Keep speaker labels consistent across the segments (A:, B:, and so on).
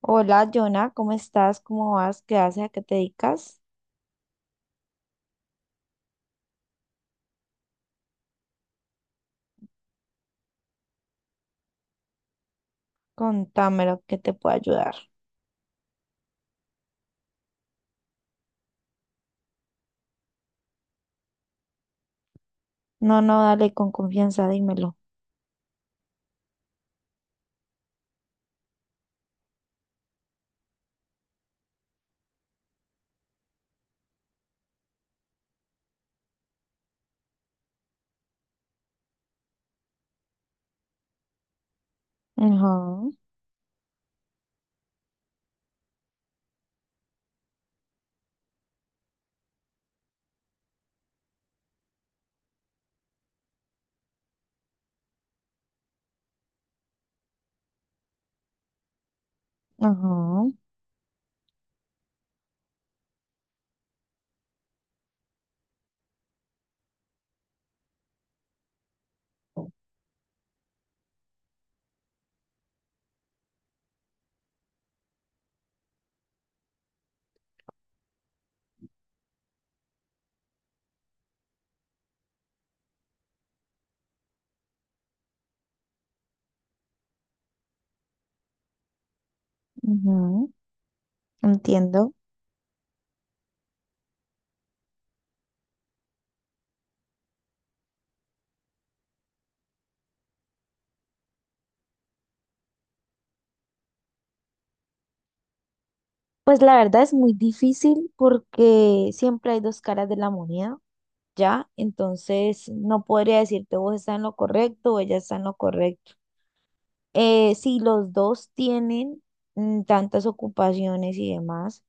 A: Hola, Jonah, ¿cómo estás? ¿Cómo vas? ¿Qué haces? ¿A qué te dedicas? Contámelo, que te puedo ayudar. No, no, dale con confianza, dímelo. Ajá, ajá, ajá, entiendo. Pues la verdad es muy difícil porque siempre hay dos caras de la moneda, ¿ya? Entonces no podría decirte vos estás en lo correcto o ella está en lo correcto. Si los dos tienen mm, tantas ocupaciones y demás,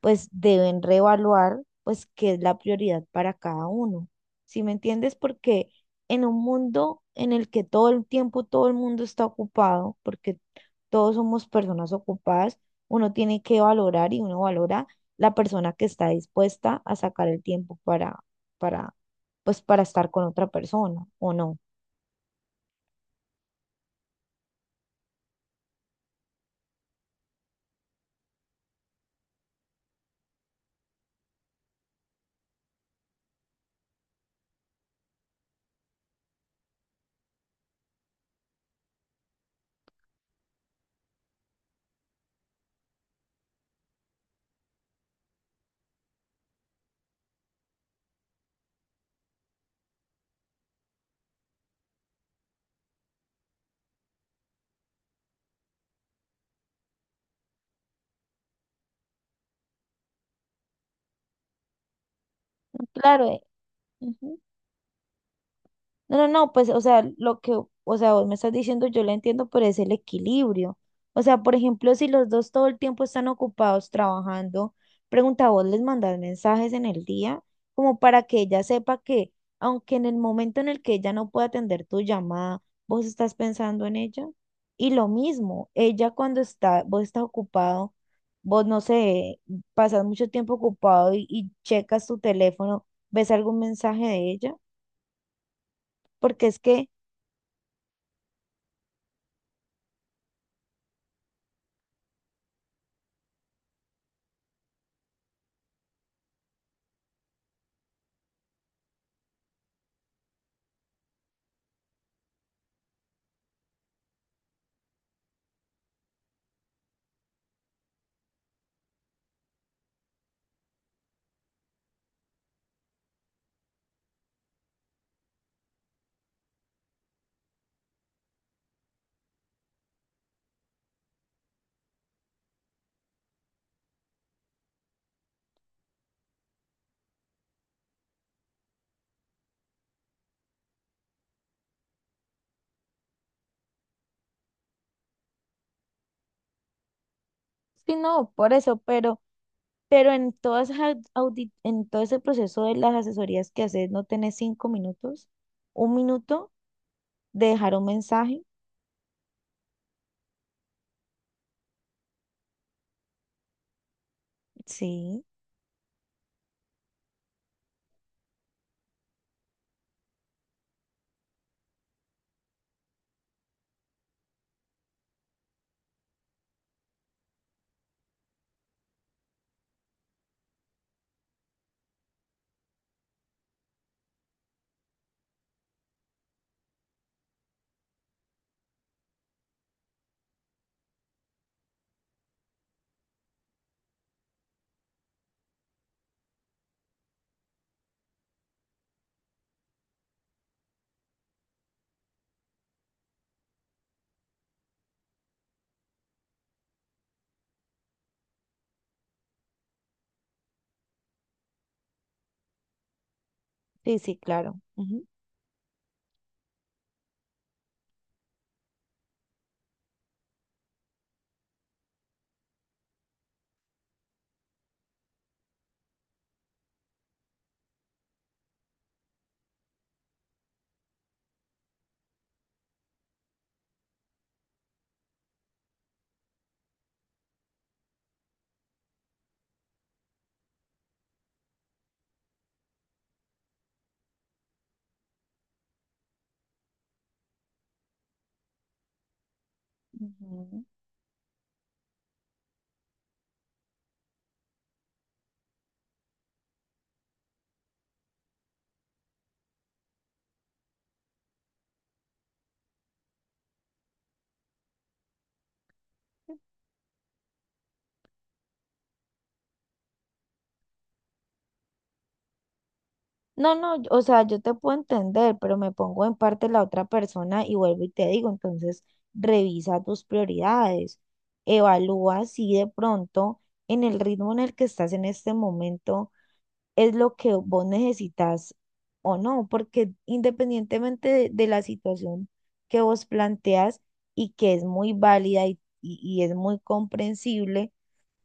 A: pues deben reevaluar pues qué es la prioridad para cada uno. ¿Sí me entiendes? Porque en un mundo en el que todo el tiempo todo el mundo está ocupado, porque todos somos personas ocupadas, uno tiene que valorar y uno valora la persona que está dispuesta a sacar el tiempo para, pues para estar con otra persona o no. Claro, ujú. No, no, no, pues, o sea, o sea, vos me estás diciendo, yo lo entiendo, pero es el equilibrio. O sea, por ejemplo, si los dos todo el tiempo están ocupados trabajando, pregunta vos, les mandar mensajes en el día, como para que ella sepa que, aunque en el momento en el que ella no pueda atender tu llamada, vos estás pensando en ella. Y lo mismo, ella cuando está, vos estás ocupado, vos no sé, pasas mucho tiempo ocupado y checas tu teléfono, ves algún mensaje de ella, porque es que sí, no, por eso, pero en todas en todo ese proceso de las asesorías que haces, no tenés 5 minutos, un minuto de dejar un mensaje. Sí, sí, sí, claro. Ujú. Ujú. No, no, o sea, yo te puedo entender, pero me pongo en parte la otra persona y vuelvo y te digo, entonces revisa tus prioridades, evalúa si de pronto en el ritmo en el que estás en este momento es lo que vos necesitas o no, porque independientemente de la situación que vos planteas y que es muy válida y es muy comprensible,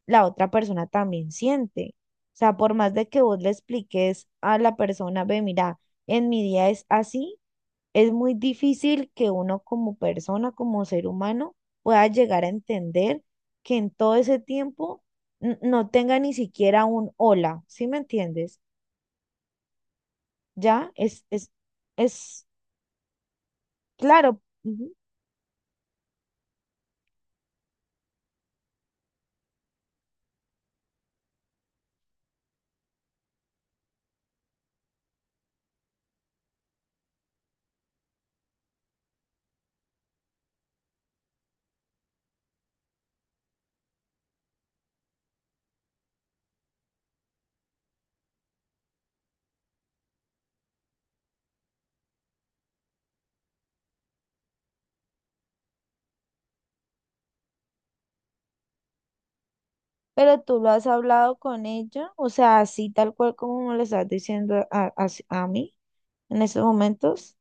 A: la otra persona también siente. O sea, por más de que vos le expliques a la persona, ve, mira, en mi día es así, es muy difícil que uno como persona, como ser humano, pueda llegar a entender que en todo ese tiempo no tenga ni siquiera un hola, ¿sí me entiendes? Ya, es claro, ujú, pero tú lo has hablado con ella, o sea, así tal cual como me lo estás diciendo a- a mí en estos momentos,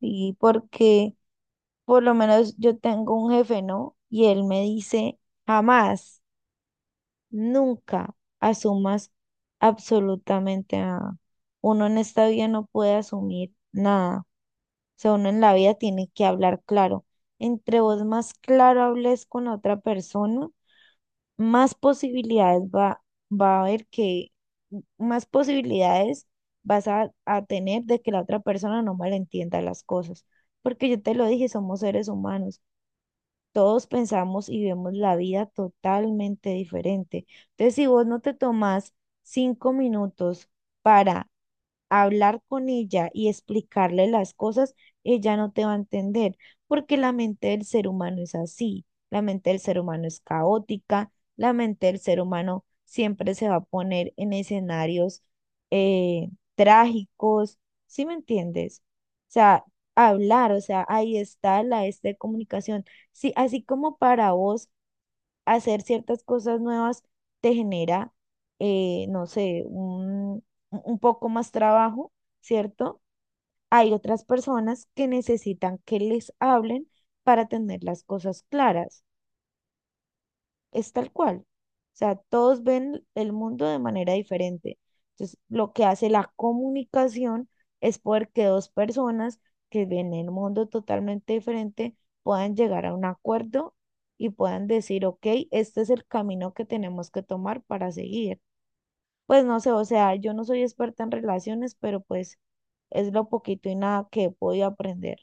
A: y porque por lo menos yo tengo un jefe, ¿no? Y él me dice, jamás, nunca asumas absolutamente nada. Uno en esta vida no puede asumir nada, o sea, uno en la vida tiene que hablar claro, entre vos más claro hables con la otra persona, más posibilidades va, va a haber que, más posibilidades vas a tener de que la otra persona no malentienda las cosas. Porque yo te lo dije, somos seres humanos. Todos pensamos y vemos la vida totalmente diferente. Entonces, si vos no te tomás 5 minutos para hablar con ella y explicarle las cosas, ella no te va a entender, porque la mente del ser humano es así, la mente del ser humano es caótica, la mente del ser humano siempre se va a poner en escenarios trágicos, ¿sí me entiendes? O sea, hablar, o sea, ahí está la este de comunicación. Sí, así como para vos hacer ciertas cosas nuevas te genera, no sé, un poco más trabajo, ¿cierto? Hay otras personas que necesitan que les hablen para tener las cosas claras, es tal cual. O sea, todos ven el mundo de manera diferente. Entonces, lo que hace la comunicación es poder que dos personas que ven el mundo totalmente diferente puedan llegar a un acuerdo y puedan decir, ok, este es el camino que tenemos que tomar para seguir. Pues no sé, o sea, yo no soy experta en relaciones, pero pues es lo poquito y nada que he podido aprender.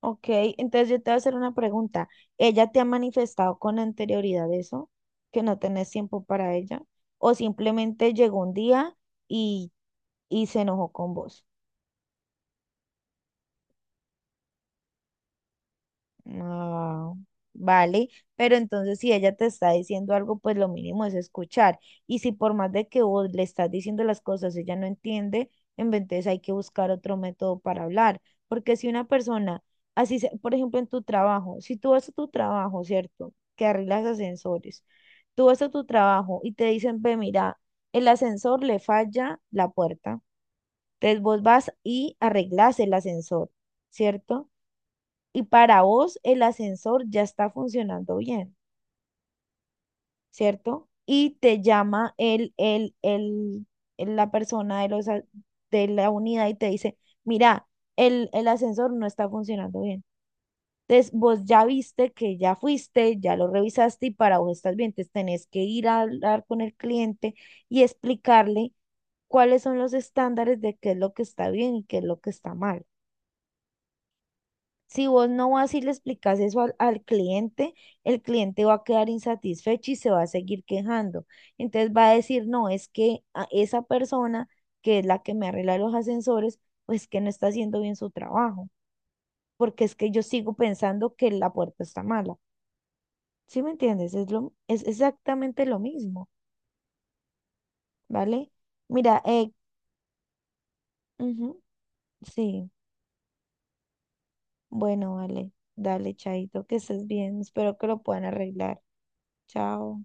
A: Ok, entonces yo te voy a hacer una pregunta. ¿Ella te ha manifestado con anterioridad eso? ¿Que no tenés tiempo para ella? ¿O simplemente llegó un día y, y se enojó con vos? Ah, vale, pero entonces si ella te está diciendo algo, pues lo mínimo es escuchar. Y si por más de que vos le estás diciendo las cosas, ella no entiende, en vez de eso hay que buscar otro método para hablar. Porque si una persona, así, por ejemplo, en tu trabajo, si tú vas a tu trabajo, ¿cierto? Que arreglas ascensores, tú vas a tu trabajo y te dicen, ve, mira, el ascensor le falla la puerta. Entonces vos vas y arreglas el ascensor, ¿cierto? Y para vos el ascensor ya está funcionando bien, ¿cierto? Y te llama la persona de la unidad y te dice, mira, el ascensor no está funcionando bien. Entonces, vos ya viste que ya fuiste, ya lo revisaste y para vos estás bien. Entonces, tenés que ir a hablar con el cliente y explicarle cuáles son los estándares de qué es lo que está bien y qué es lo que está mal. Si vos no vas y le explicas eso al cliente, el cliente va a quedar insatisfecho y se va a seguir quejando. Entonces va a decir, no, es que a esa persona que es la que me arregla los ascensores, pues que no está haciendo bien su trabajo, porque es que yo sigo pensando que la puerta está mala. ¿Sí me entiendes? Es exactamente lo mismo, ¿vale? Mira, ujú, sí, bueno, vale, dale, Chaito, que estés bien, espero que lo puedan arreglar. Chao.